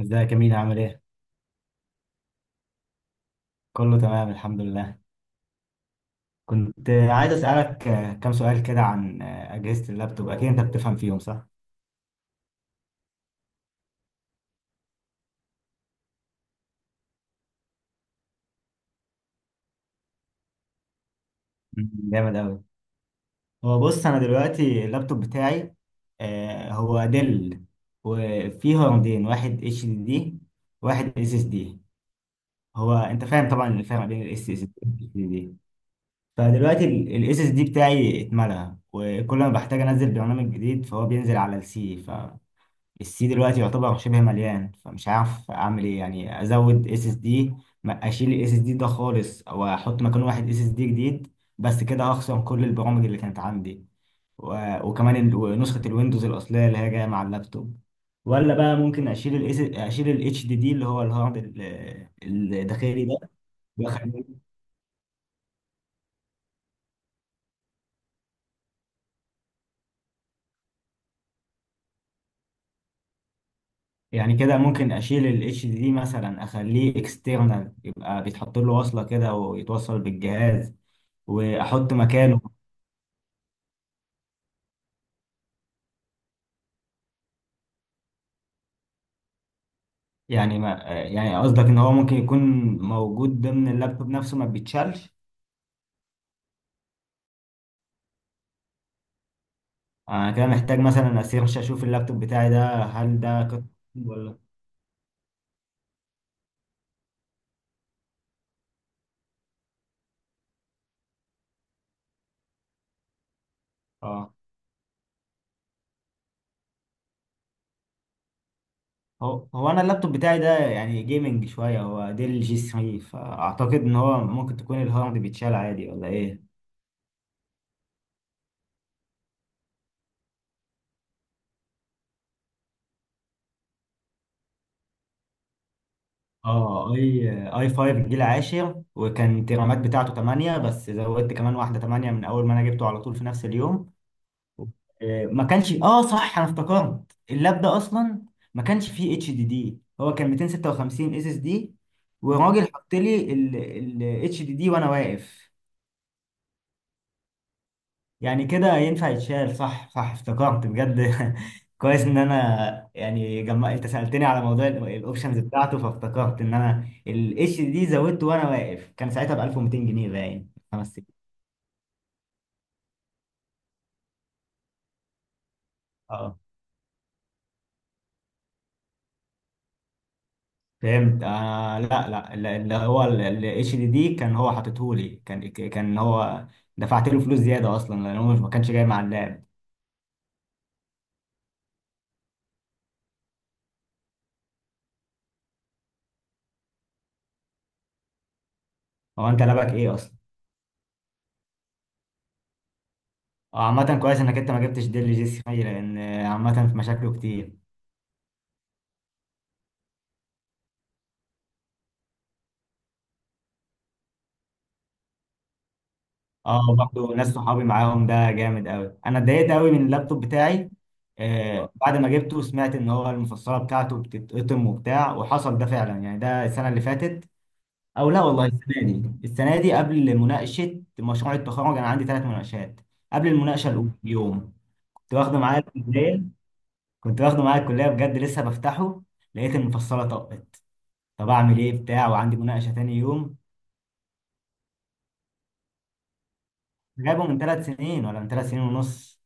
ازيك يا مينا عامل ايه؟ كله تمام الحمد لله. كنت عايز اسألك كام سؤال كده عن أجهزة اللابتوب، أكيد أنت بتفهم فيهم صح؟ مم. جامد أوي. هو بص، أنا دلوقتي اللابتوب بتاعي هو ديل، وفيه هاردين، واحد اتش دي دي واحد اس اس دي. هو أنت فاهم طبعا الفرق بين الاس اس دي. فدلوقتي الاس اس دي بتاعي اتملى، وكل ما بحتاج انزل برنامج جديد فهو بينزل على السي. السي دلوقتي يعتبر شبه مليان، فمش عارف اعمل ايه، يعني ازود اس اس دي، اشيل الاس اس دي ده خالص او احط مكانه واحد اس اس دي جديد، بس كده هخسر كل البرامج اللي كانت عندي وكمان نسخة الويندوز الأصلية اللي هي جاية مع اللابتوب. ولا بقى ممكن أشيل ال HDD اللي هو الهارد الداخلي ده وأخليه- يعني كده ممكن أشيل ال HDD مثلا أخليه external، يبقى بيتحط له وصلة كده ويتوصل بالجهاز وأحط مكانه. يعني ما يعني قصدك ان هو ممكن يكون موجود ضمن اللابتوب نفسه ما بيتشالش. انا كده محتاج مثلا اسيرش اشوف اللابتوب بتاعي ده، هل ده ولا. اه، هو انا اللابتوب بتاعي ده يعني جيمنج شويه، هو ديل جي 3، فاعتقد ان هو ممكن تكون الهارد بيتشال عادي ولا ايه. اه، اي 5 جيل عاشر، وكان الرامات بتاعته 8 بس زودت كمان واحده 8 من اول ما انا جبته على طول في نفس اليوم. ما كانش، اه صح، انا افتكرت اللاب ده اصلا ما كانش فيه اتش دي دي، هو كان 256 اس اس دي وراجل حط لي الاتش دي دي وانا واقف. يعني كده ينفع يتشال. صح، صح، افتكرت بجد. كويس ان انا يعني جمع انت سألتني على موضوع الاوبشنز بتاعته، فافتكرت ان انا الاتش دي دي زودته وانا واقف كان ساعتها ب 1200 جنيه باين 5 سنين. فهمت. لا، لا، لا، اللي هو الاتش دي دي كان هو حاططهولي، كان هو دفعت له فلوس زياده اصلا لان هو مش، ما كانش جاي مع اللاب. هو انت لعبك ايه اصلا. اه، عامه كويس انك انت ما جبتش ديل جي سي خمسة، لان عامه في مشاكله كتير. اه، برضه ناس صحابي معاهم، ده جامد قوي. انا اتضايقت قوي من اللابتوب بتاعي بعد ما جبته، سمعت ان هو المفصله بتاعته بتتقطم وبتاع، وحصل ده فعلا يعني ده السنه اللي فاتت، او لا والله السنه دي، السنه دي قبل مناقشه مشروع التخرج، انا عندي 3 مناقشات. قبل المناقشه الاولى بيوم كنت واخده معايا الكليه، كنت واخده معايا الكليه بجد، لسه بفتحه لقيت المفصله طقت. طب اعمل ايه بتاع وعندي مناقشه تاني يوم. جايبه من 3 سنين ولا من 3 سنين ونص.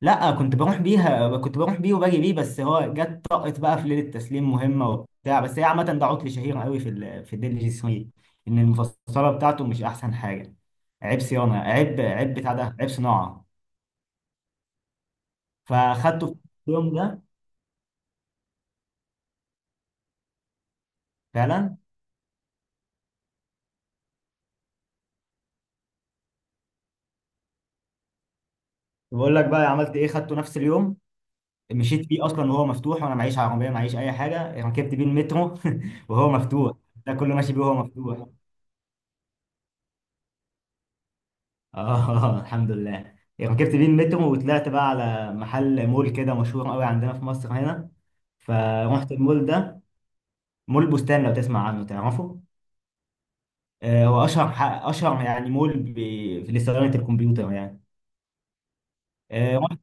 لا، كنت بروح بيها، كنت بروح بيه وباجي بيه، بس هو جت طقت بقى في ليله التسليم مهمه وبتاع. بس هي عامه ده عطل شهير قوي في الديل جي 3، ان المفصله بتاعته مش احسن حاجه. عيب صيانه، عيب بتاع ده، عيب صناعه. فاخدته في اليوم ده فعلا. بقول لك بقى عملت ايه، خدته نفس اليوم، مشيت بيه اصلا وهو مفتوح، وانا معيش عربيه، معيش اي حاجه، يعني ركبت بيه المترو وهو مفتوح. ده كله ماشي بيه وهو مفتوح. اه الحمد لله. ركبت بيه المترو وطلعت بقى على محل، مول كده مشهور قوي عندنا في مصر هنا، فرحت المول ده. مول بستان، لو تسمع عنه تعرفه. هو اشهر اشهر يعني مول في صيانه الكمبيوتر يعني. رحت.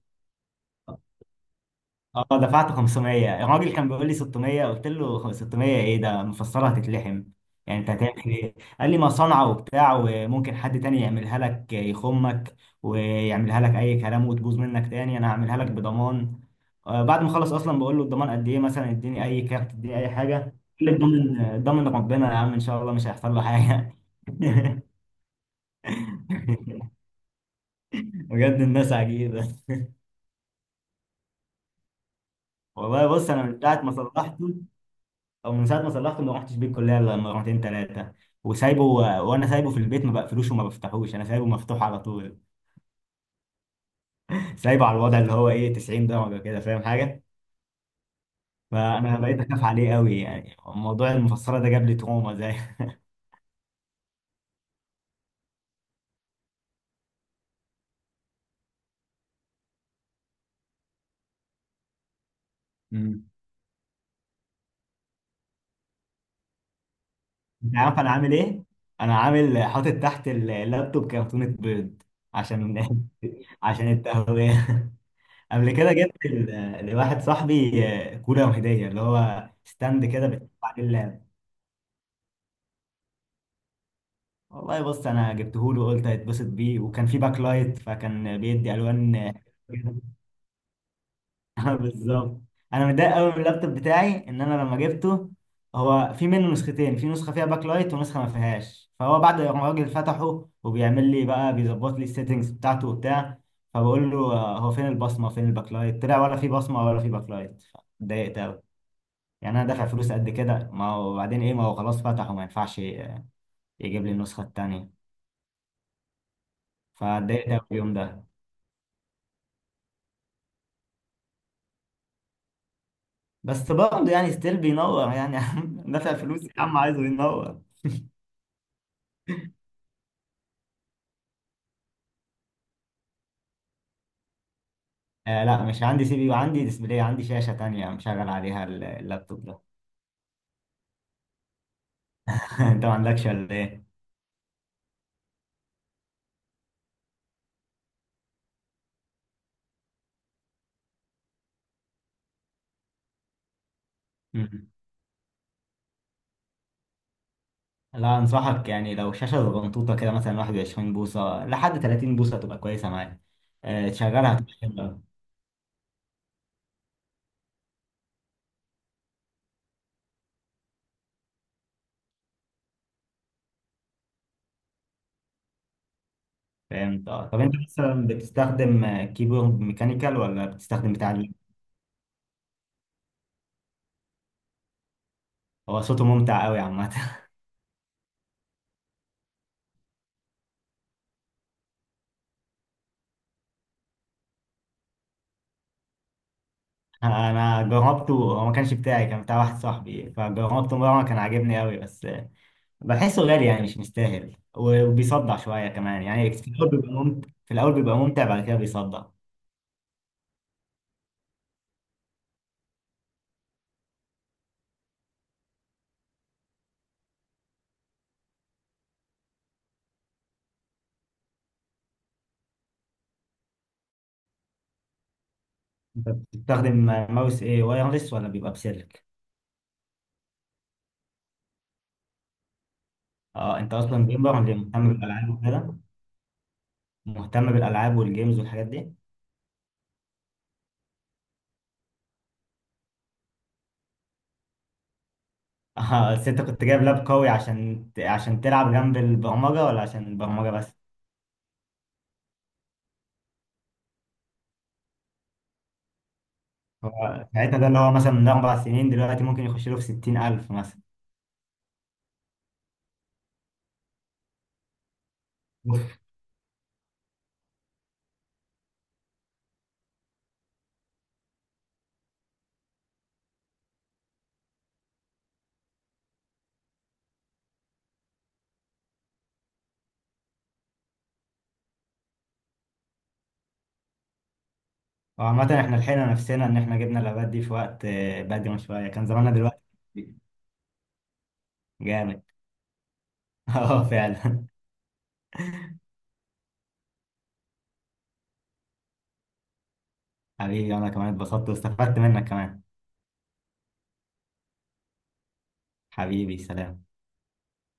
اه، دفعت 500، الراجل كان بيقول لي 600، قلت له 600 ايه ده، مفسره هتتلحم. يعني انت هتعمل ايه، قال لي ما صنعه وبتاع، وممكن حد تاني يعملها لك يخمك ويعملها لك اي كلام وتبوظ منك تاني، انا هعملها لك بضمان. بعد ما خلص اصلا بقول له الضمان قد ايه مثلا، اديني اي كارت اديني اي حاجه، قال لي الضامن ضامن ربنا يا عم، ان شاء الله مش هيحصل له حاجه. بجد الناس عجيبه. والله بص، انا من ساعه ما صلحته، او من ساعه ما صلحته، ما رحتش بيه الكليه الا لما مرتين ثلاثه، وسايبه، وانا سايبه في البيت ما بقفلوش وما بفتحوش، انا سايبه مفتوح على طول. سايبه على الوضع اللي هو ايه، 90 درجه كده، فاهم حاجه. فانا بقيت اخاف عليه قوي، يعني موضوع المفصله ده جاب لي تروما زي. مم. انت عارف انا عامل ايه، انا عامل حاطط تحت اللابتوب كرتونة بيض، عشان عشان التهوية. قبل كده جبت لواحد صاحبي كولر هدية، اللي هو ستاند كده بتحط عليه اللاب. والله بص، انا جبته له وقلت هيتبسط بيه، وكان في باك لايت فكان بيدي الوان. بالظبط. انا متضايق قوي من اللابتوب بتاعي ان انا لما جبته، هو في منه نسختين، في نسخه فيها باك لايت ونسخه ما فيهاش، فهو بعد ما الراجل فتحه وبيعمل لي بقى بيظبط لي السيتنجز بتاعته وبتاع، فبقول له هو فين البصمه، فين الباك لايت، طلع ولا في بصمه ولا في باك لايت. اتضايقت قوي، يعني انا دافع فلوس قد كده، ما هو بعدين ايه، ما هو خلاص فتحه ما ينفعش يجيب لي النسخه التانيه. فاتضايقت قوي اليوم ده. بس برضه يعني ستيل بينور يعني. دافع فلوس يا عم، عايزه ينور. لا، مش عندي سي بي يو، عندي ديسبلاي، عندي شاشة تانية مشغل عليها اللابتوب ده. انت ما عندكش ولا ايه؟ مم. لا، انصحك يعني لو شاشة صغنطوطة كده مثلا 21 بوصة لحد 30 بوصة تبقى كويسة معاك. تشغلها تشغلها. فهمت. اه، طب انت مثلا بتستخدم كيبورد ميكانيكال ولا بتستخدم بتاع هو صوته ممتع قوي عامة. انا جربته، هو ما كانش بتاعي، كان بتاع واحد صاحبي فجربته مره، كان عاجبني قوي بس بحسه غالي يعني مش مستاهل، وبيصدع شويه كمان يعني، في الاول بيبقى ممتع، في الاول بيبقى ممتع بعد كده بيصدع. انت بتستخدم ماوس ايه، وايرلس ولا بيبقى بسلك. اه، انت اصلا جيمر اللي مهتم بالالعاب وكده، مهتم بالالعاب والجيمز والحاجات دي. اه، بس انت كنت جايب لاب قوي، عشان تلعب جنب البرمجه ولا عشان البرمجه بس. هو ساعتها ده اللي هو مثلا من 4 سنين دلوقتي ممكن يخش له في 60000 مثلا. هو عامة احنا لحقنا نفسنا ان احنا جبنا العباد دي في وقت بدري شوية، كان زماننا دلوقتي جامد. اه، فعلا. حبيبي انا كمان اتبسطت واستفدت منك كمان. حبيبي سلام.